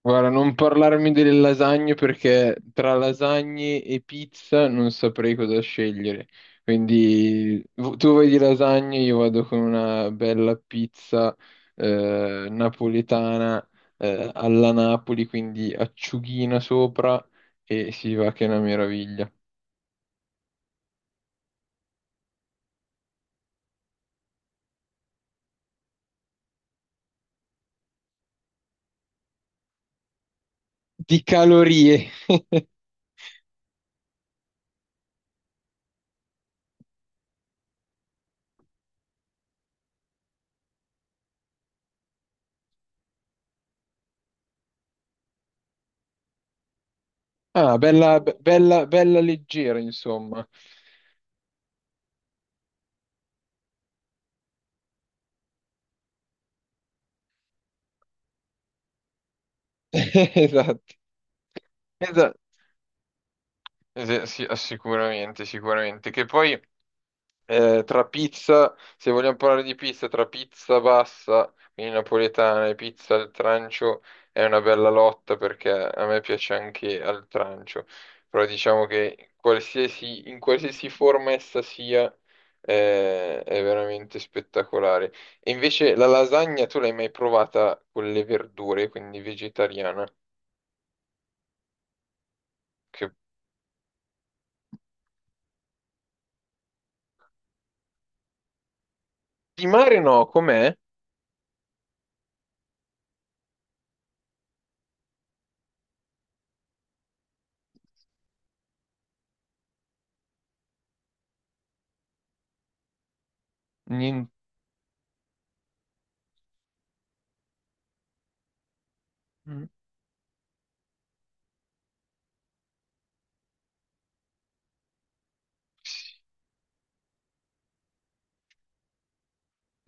Guarda, non parlarmi delle lasagne perché tra lasagne e pizza non saprei cosa scegliere. Quindi tu vai di lasagne, io vado con una bella pizza napoletana, alla Napoli, quindi acciughina sopra e si va che è una meraviglia. Di calorie. Ah, bella, bella, bella leggera, insomma. Esatto. Esatto. Sì, sicuramente, sicuramente. Che poi, tra pizza, se vogliamo parlare di pizza, tra pizza bassa, quindi napoletana, e pizza al trancio è una bella lotta perché a me piace anche al trancio. Però diciamo che in qualsiasi forma essa sia, è veramente spettacolare. E invece la lasagna tu l'hai mai provata con le verdure, quindi vegetariana? Che... Di mare no, com'è? Niente.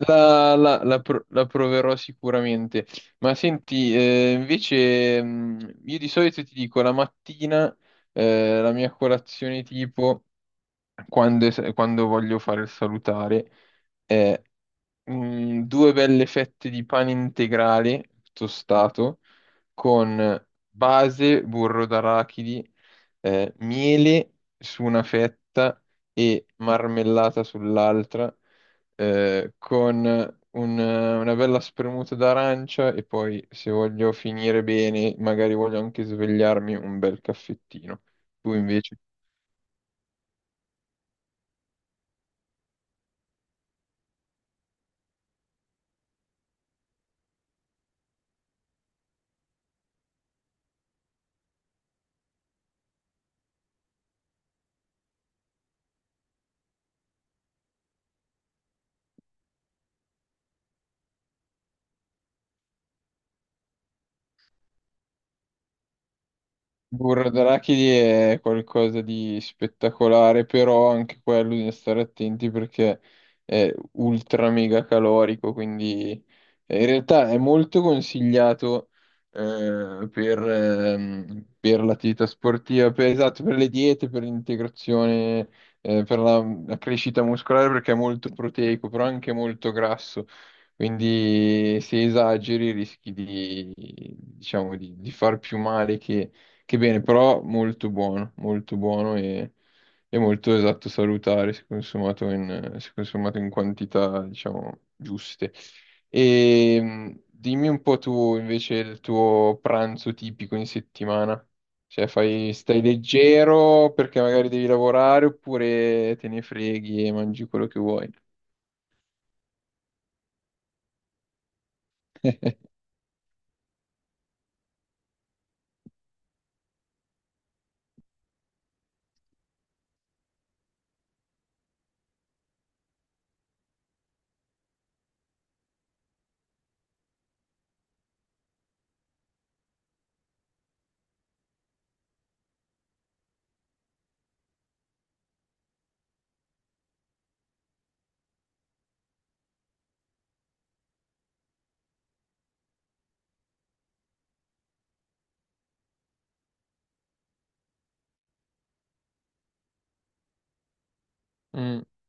La proverò sicuramente. Ma senti, invece, io di solito ti dico la mattina, la mia colazione tipo, quando, quando voglio fare il salutare, è due belle fette di pane integrale tostato con base, burro d'arachidi, miele su una fetta e marmellata sull'altra, con una bella spremuta d'arancia e poi, se voglio finire bene, magari voglio anche svegliarmi, un bel caffettino. Tu invece? Burro d'arachidi è qualcosa di spettacolare, però anche quello bisogna stare attenti perché è ultra mega calorico, quindi, in realtà è molto consigliato per l'attività sportiva, per, esatto, per le diete, per l'integrazione, per la crescita muscolare perché è molto proteico, però anche molto grasso. Quindi se esageri rischi diciamo, di far più male che bene, però molto buono e molto esatto salutare se consumato se consumato in quantità, diciamo, giuste. E, dimmi un po' tu invece il tuo pranzo tipico in settimana. Cioè, fai, stai leggero perché magari devi lavorare oppure te ne freghi e mangi quello che vuoi.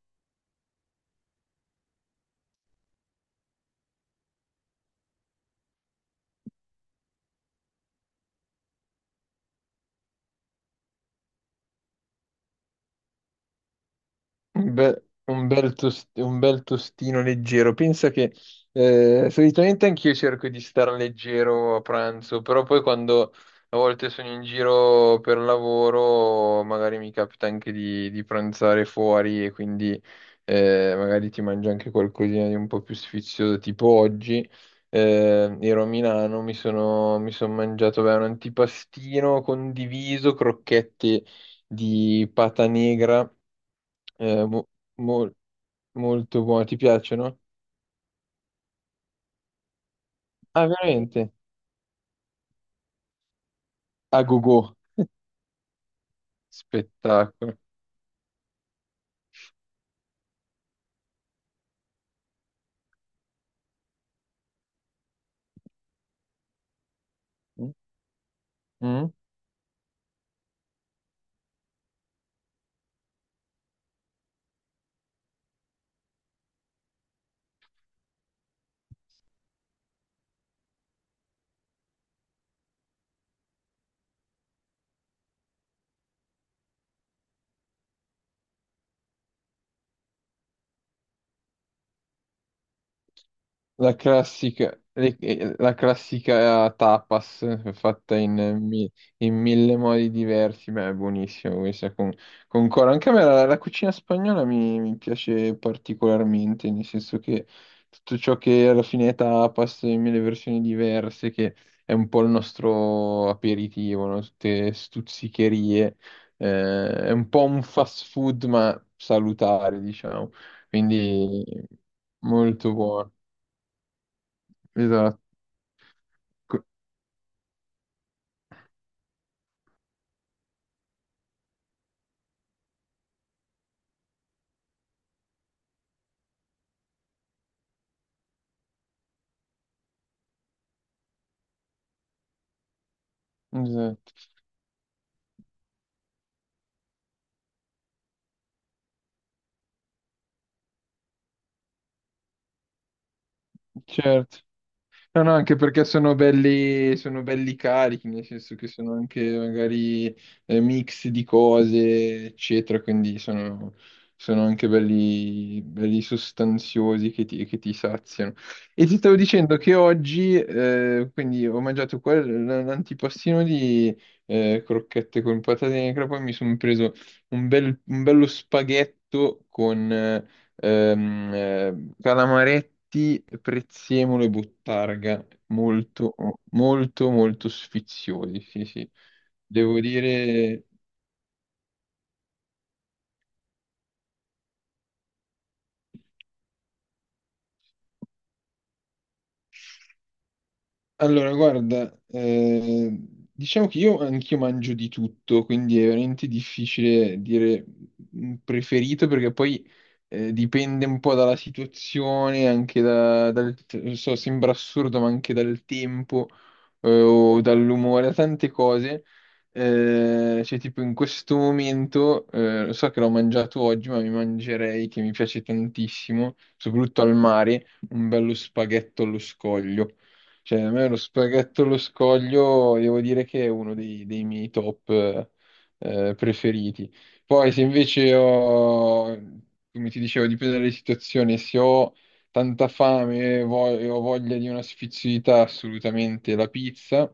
Un un bel, un bel tostino leggero. Pensa che, solitamente anch'io cerco di star leggero a pranzo, però poi quando a volte sono in giro per lavoro, magari mi capita anche di pranzare fuori e quindi, magari ti mangi anche qualcosina di un po' più sfizioso, tipo oggi. Ero a Milano, mi sono mangiato, beh, un antipastino condiviso, crocchette di pata negra. eh, mo- mol- molto buono, ti piacciono? Ah, veramente? A go go. Spettacolo. Mm? Mm? La classica, la classica tapas, fatta in mille modi diversi, ma è buonissimo questa con coro. Anche a me la cucina spagnola mi piace particolarmente, nel senso che tutto ciò che alla fine è tapas, in mille versioni diverse, che è un po' il nostro aperitivo, no? Tutte stuzzicherie, è un po' un fast food, ma salutare, diciamo. Quindi molto buono. Esatto, esatto, certo. No, no, anche perché sono belli carichi, nel senso che sono anche magari, mix di cose, eccetera, quindi sono, sono anche belli, belli sostanziosi che ti saziano. E ti stavo dicendo che oggi, quindi ho mangiato l'antipastino di, crocchette con patate in crema, poi mi sono preso un bello spaghetto, Ehm, eh, calamaretti, prezzemolo e buttarga, molto, molto, molto sfiziosi, sì, sì. Devo dire. Allora, guarda, diciamo che io anch'io mangio di tutto, quindi è veramente difficile dire un preferito perché poi, dipende un po' dalla situazione, anche dal, non so, sembra assurdo, ma anche dal tempo o dall'umore, da tante cose. Cioè, tipo in questo momento, lo so che l'ho mangiato oggi, ma mi mangerei, che mi piace tantissimo, soprattutto al mare, un bello spaghetto allo scoglio. Cioè, a me lo spaghetto allo scoglio devo dire che è uno dei miei top, preferiti. Poi se invece come ti dicevo, dipende dalle situazioni, se ho tanta fame e e ho voglia di una sfiziosità, assolutamente la pizza.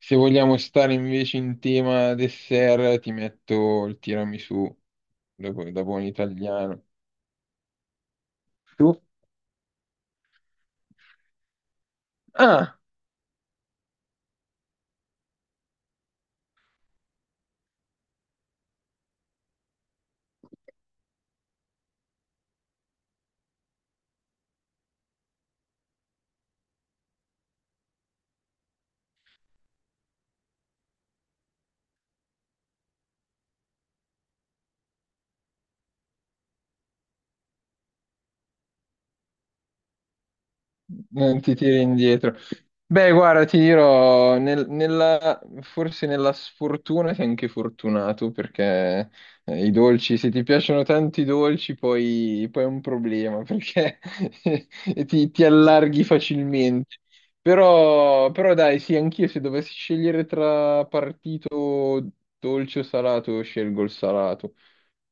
Se vogliamo stare invece in tema dessert, ti metto il tiramisù, da buon italiano. Tu? Ah, non ti tiri indietro. Beh, guarda, ti dirò, forse nella sfortuna sei anche fortunato perché, i dolci, se ti piacciono tanti dolci, poi è un problema perché ti allarghi facilmente. Però, però dai, sì, anch'io se dovessi scegliere tra partito dolce o salato, scelgo il salato.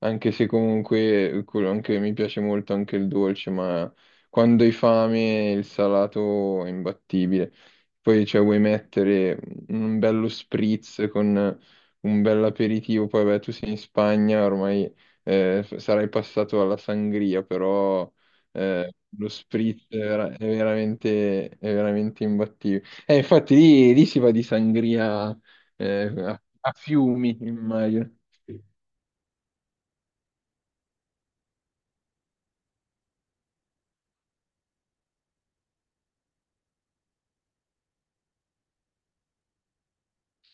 Anche se comunque mi piace molto anche il dolce, ma quando hai fame il salato è imbattibile. Poi cioè, vuoi mettere un bello spritz con un bel aperitivo, poi beh, tu sei in Spagna, ormai, sarai passato alla sangria, però, eh, lo spritz è, è veramente imbattibile. Infatti lì si va di sangria, a fiumi, immagino.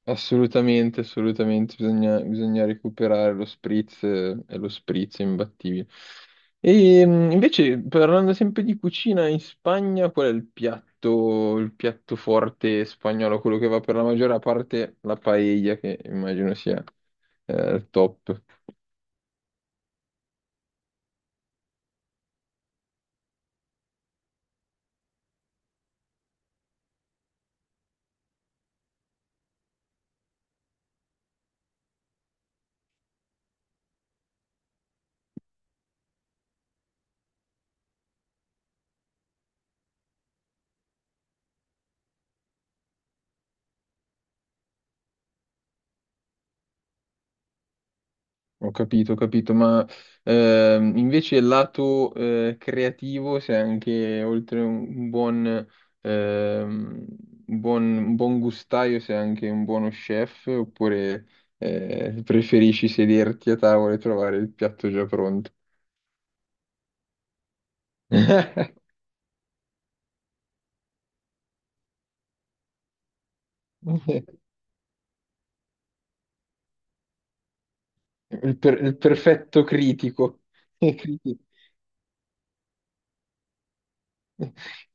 Assolutamente, assolutamente, bisogna, bisogna recuperare lo spritz, e lo spritz è imbattibile. E, invece, parlando sempre di cucina in Spagna, qual è il piatto forte spagnolo, quello che va per la maggiore parte la paella, che immagino sia, il top. Ho capito, ma invece il lato, creativo, se anche oltre un ehm, un buon gustaio, sei anche un buono chef, oppure preferisci sederti a tavola e trovare il piatto già pronto? Il perfetto critico. Critico.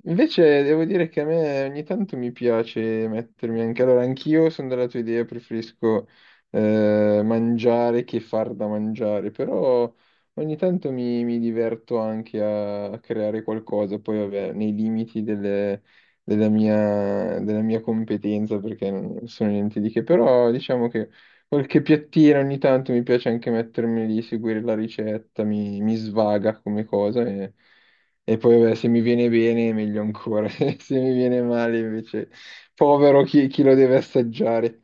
Invece devo dire che a me ogni tanto mi piace mettermi anche, allora anch'io sono della tua idea, preferisco, mangiare che far da mangiare, però ogni tanto mi diverto anche a creare qualcosa, poi vabbè, nei limiti della mia competenza, perché non sono niente di che, però diciamo che qualche piattina ogni tanto mi piace anche mettermi lì, seguire la ricetta, mi svaga come cosa. E e poi beh, se mi viene bene meglio ancora, se mi viene male invece povero chi lo deve assaggiare.